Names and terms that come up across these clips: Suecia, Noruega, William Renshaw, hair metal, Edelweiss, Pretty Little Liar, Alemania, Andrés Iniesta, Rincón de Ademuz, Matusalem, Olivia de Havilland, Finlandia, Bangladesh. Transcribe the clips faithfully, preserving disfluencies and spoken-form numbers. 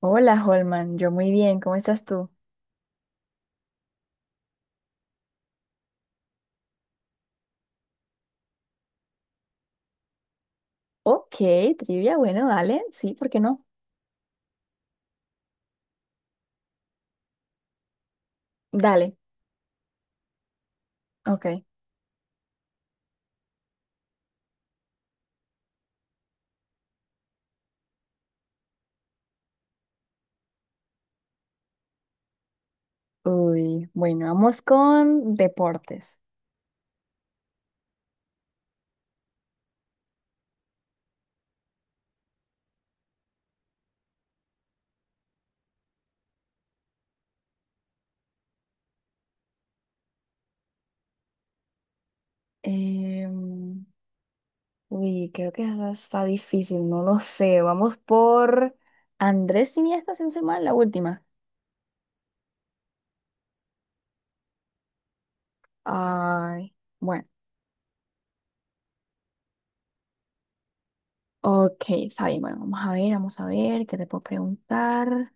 Hola, Holman. Yo muy bien. ¿Cómo estás tú? Ok, trivia. Bueno, dale. Sí, ¿por qué no? Dale. Ok. Uy, bueno, vamos con deportes. Em, uy, creo que esa está difícil. No lo sé. Vamos por Andrés Iniesta, sin ser mal, la última. Ay, bueno. Ok, está bien. Bueno, vamos a ver, vamos a ver. ¿Qué te puedo preguntar?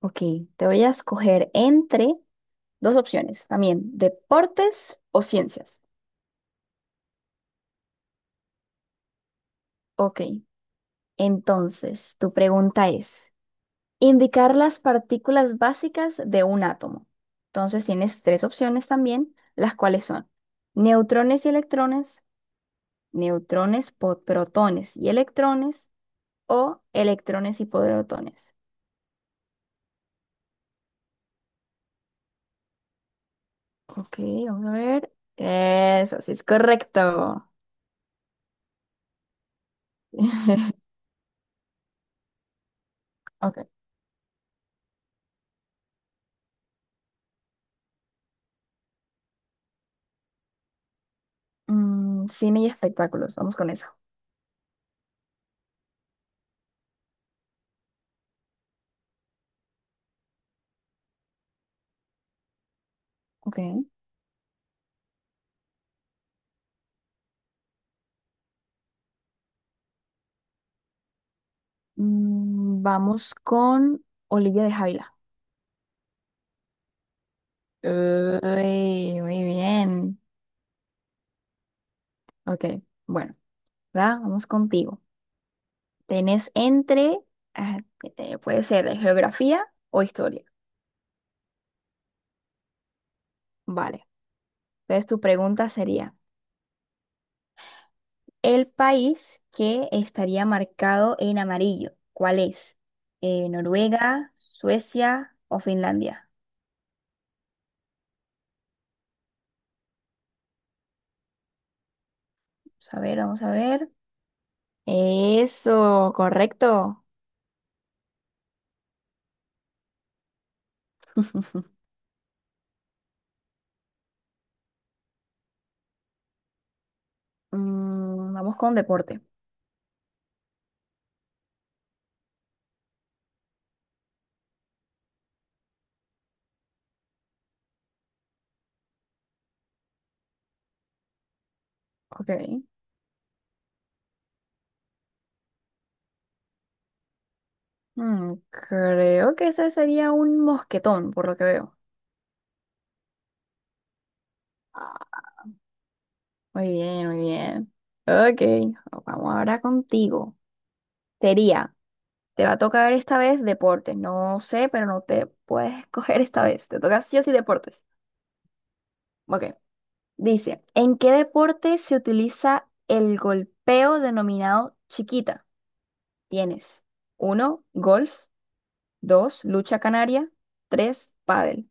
Ok, te voy a escoger entre dos opciones también, deportes o ciencias. Ok, entonces tu pregunta es, indicar las partículas básicas de un átomo. Entonces tienes tres opciones también, las cuales son neutrones y electrones, neutrones, po- protones y electrones o electrones y protones. Ok, vamos a ver. Eso sí es correcto. Ok. Mm, cine y espectáculos, vamos con eso. Ok. Mm, vamos con Olivia de Havilland. Uy, muy bien. Ok, bueno, ¿verdad? Vamos contigo. Tenés entre, ah, eh, puede ser de geografía o historia. Vale. Entonces tu pregunta sería, ¿el país que estaría marcado en amarillo? ¿Cuál es? Eh, ¿Noruega, Suecia o Finlandia? Vamos a ver, vamos a ver. Eso, correcto. Mm, vamos con deporte. Ok. Mm, creo que ese sería un mosquetón, por lo que veo. Ah, muy bien, muy bien. Ok, vamos ahora contigo. Sería, te va a tocar esta vez deportes. No sé, pero no te puedes escoger esta vez. Te toca sí o sí deportes. Ok, dice, ¿en qué deporte se utiliza el golpeo denominado chiquita? Tienes uno, golf, dos, lucha canaria, tres, pádel.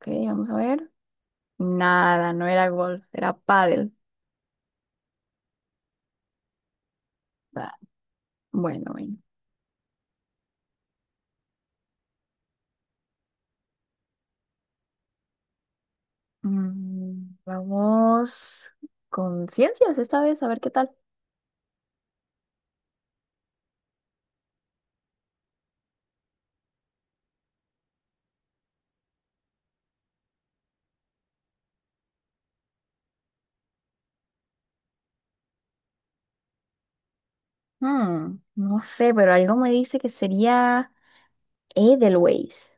Ok, vamos a ver. Nada, no era golf, era pádel. Va, bueno, bueno. Mm, vamos con ciencias esta vez, a ver qué tal. Mm, no sé, pero algo me dice que sería Edelweiss.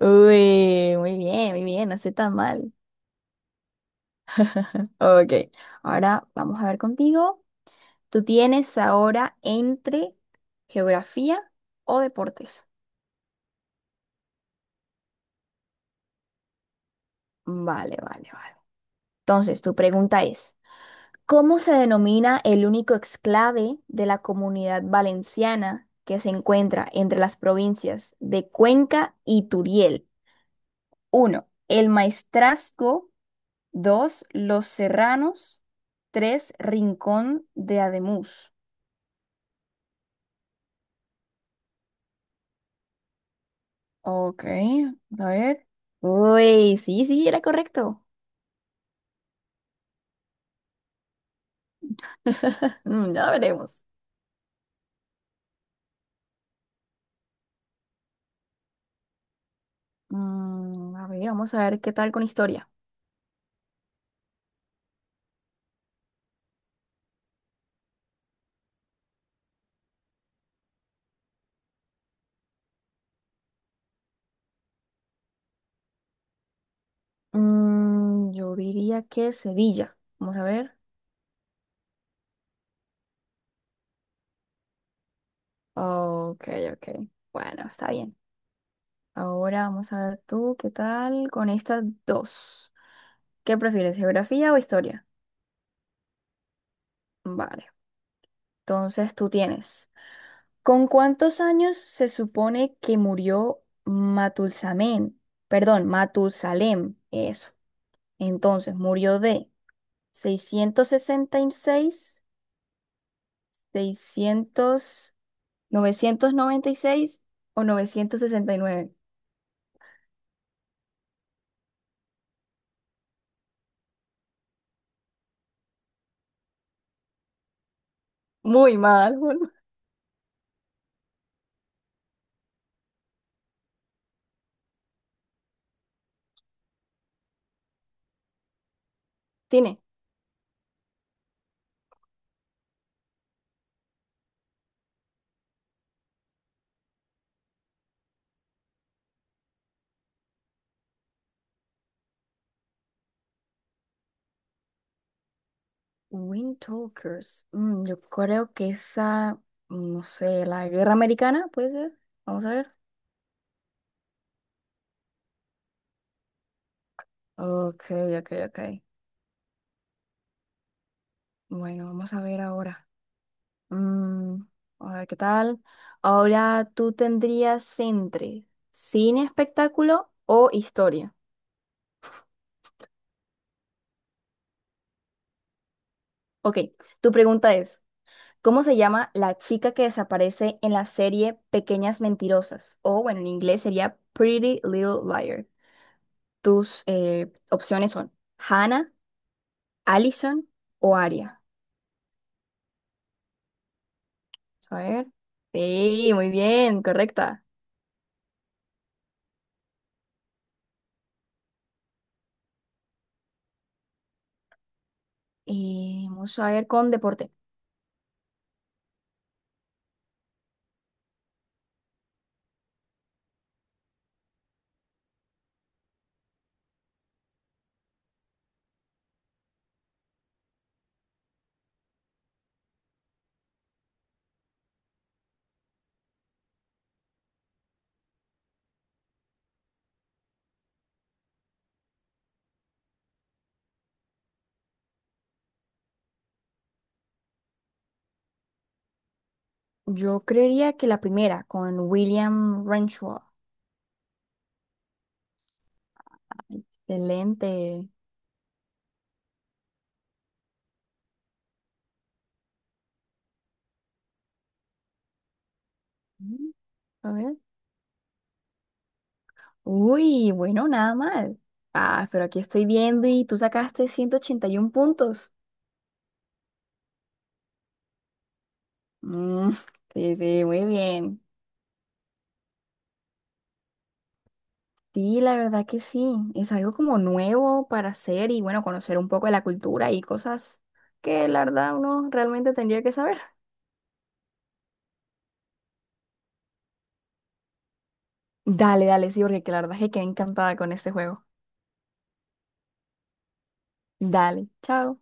Uy, muy bien, muy bien, no sé tan mal. Ok, ahora vamos a ver contigo. Tú tienes ahora entre geografía o deportes. Vale, vale, vale. Entonces, tu pregunta es, ¿cómo se denomina el único exclave de la Comunidad Valenciana que se encuentra entre las provincias de Cuenca y Turiel? Uno, El Maestrazgo. Dos, Los Serranos. Tres, Rincón de Ademuz. Ok, a ver. Uy, sí, sí, era correcto. Mm, ya veremos. Mm, a ver, vamos a ver qué tal con historia. Mm, yo diría que Sevilla. Vamos a ver. Ok, ok. Bueno, está bien. Ahora vamos a ver tú, ¿qué tal con estas dos? ¿Qué prefieres, geografía o historia? Vale. Entonces tú tienes. ¿Con cuántos años se supone que murió Matulsamén? Perdón, Matusalem. Eso. Entonces, murió de seiscientos seiscientos, sesenta y seis, seiscientos, novecientos noventa y seis o novecientos sesenta y nueve. Muy mal. Tine. Wind Talkers. Mm, yo creo que esa, no sé, la guerra americana, puede ser. Vamos a ver. Ok, ok, ok. Bueno, vamos a ver ahora. Mm, a ver qué tal. Ahora tú tendrías entre cine, espectáculo o historia. Ok, tu pregunta es, ¿cómo se llama la chica que desaparece en la serie Pequeñas Mentirosas? O bueno, en inglés sería Pretty Little Liar. Tus eh, opciones son Hannah, Alison o Aria. Vamos a ver. Sí, muy bien, correcta. Eh, vamos a ver con deporte. Yo creería que la primera, con William Renshaw. Excelente. Mm, A ver. Uy, bueno, nada mal. Ah, pero aquí estoy viendo y tú sacaste ciento ochenta y uno puntos. Mm, sí, sí, muy bien. Sí, la verdad que sí. Es algo como nuevo para hacer y bueno, conocer un poco de la cultura y cosas que la verdad uno realmente tendría que saber. Dale, dale, sí, porque la verdad es que quedé encantada con este juego. Dale, chao.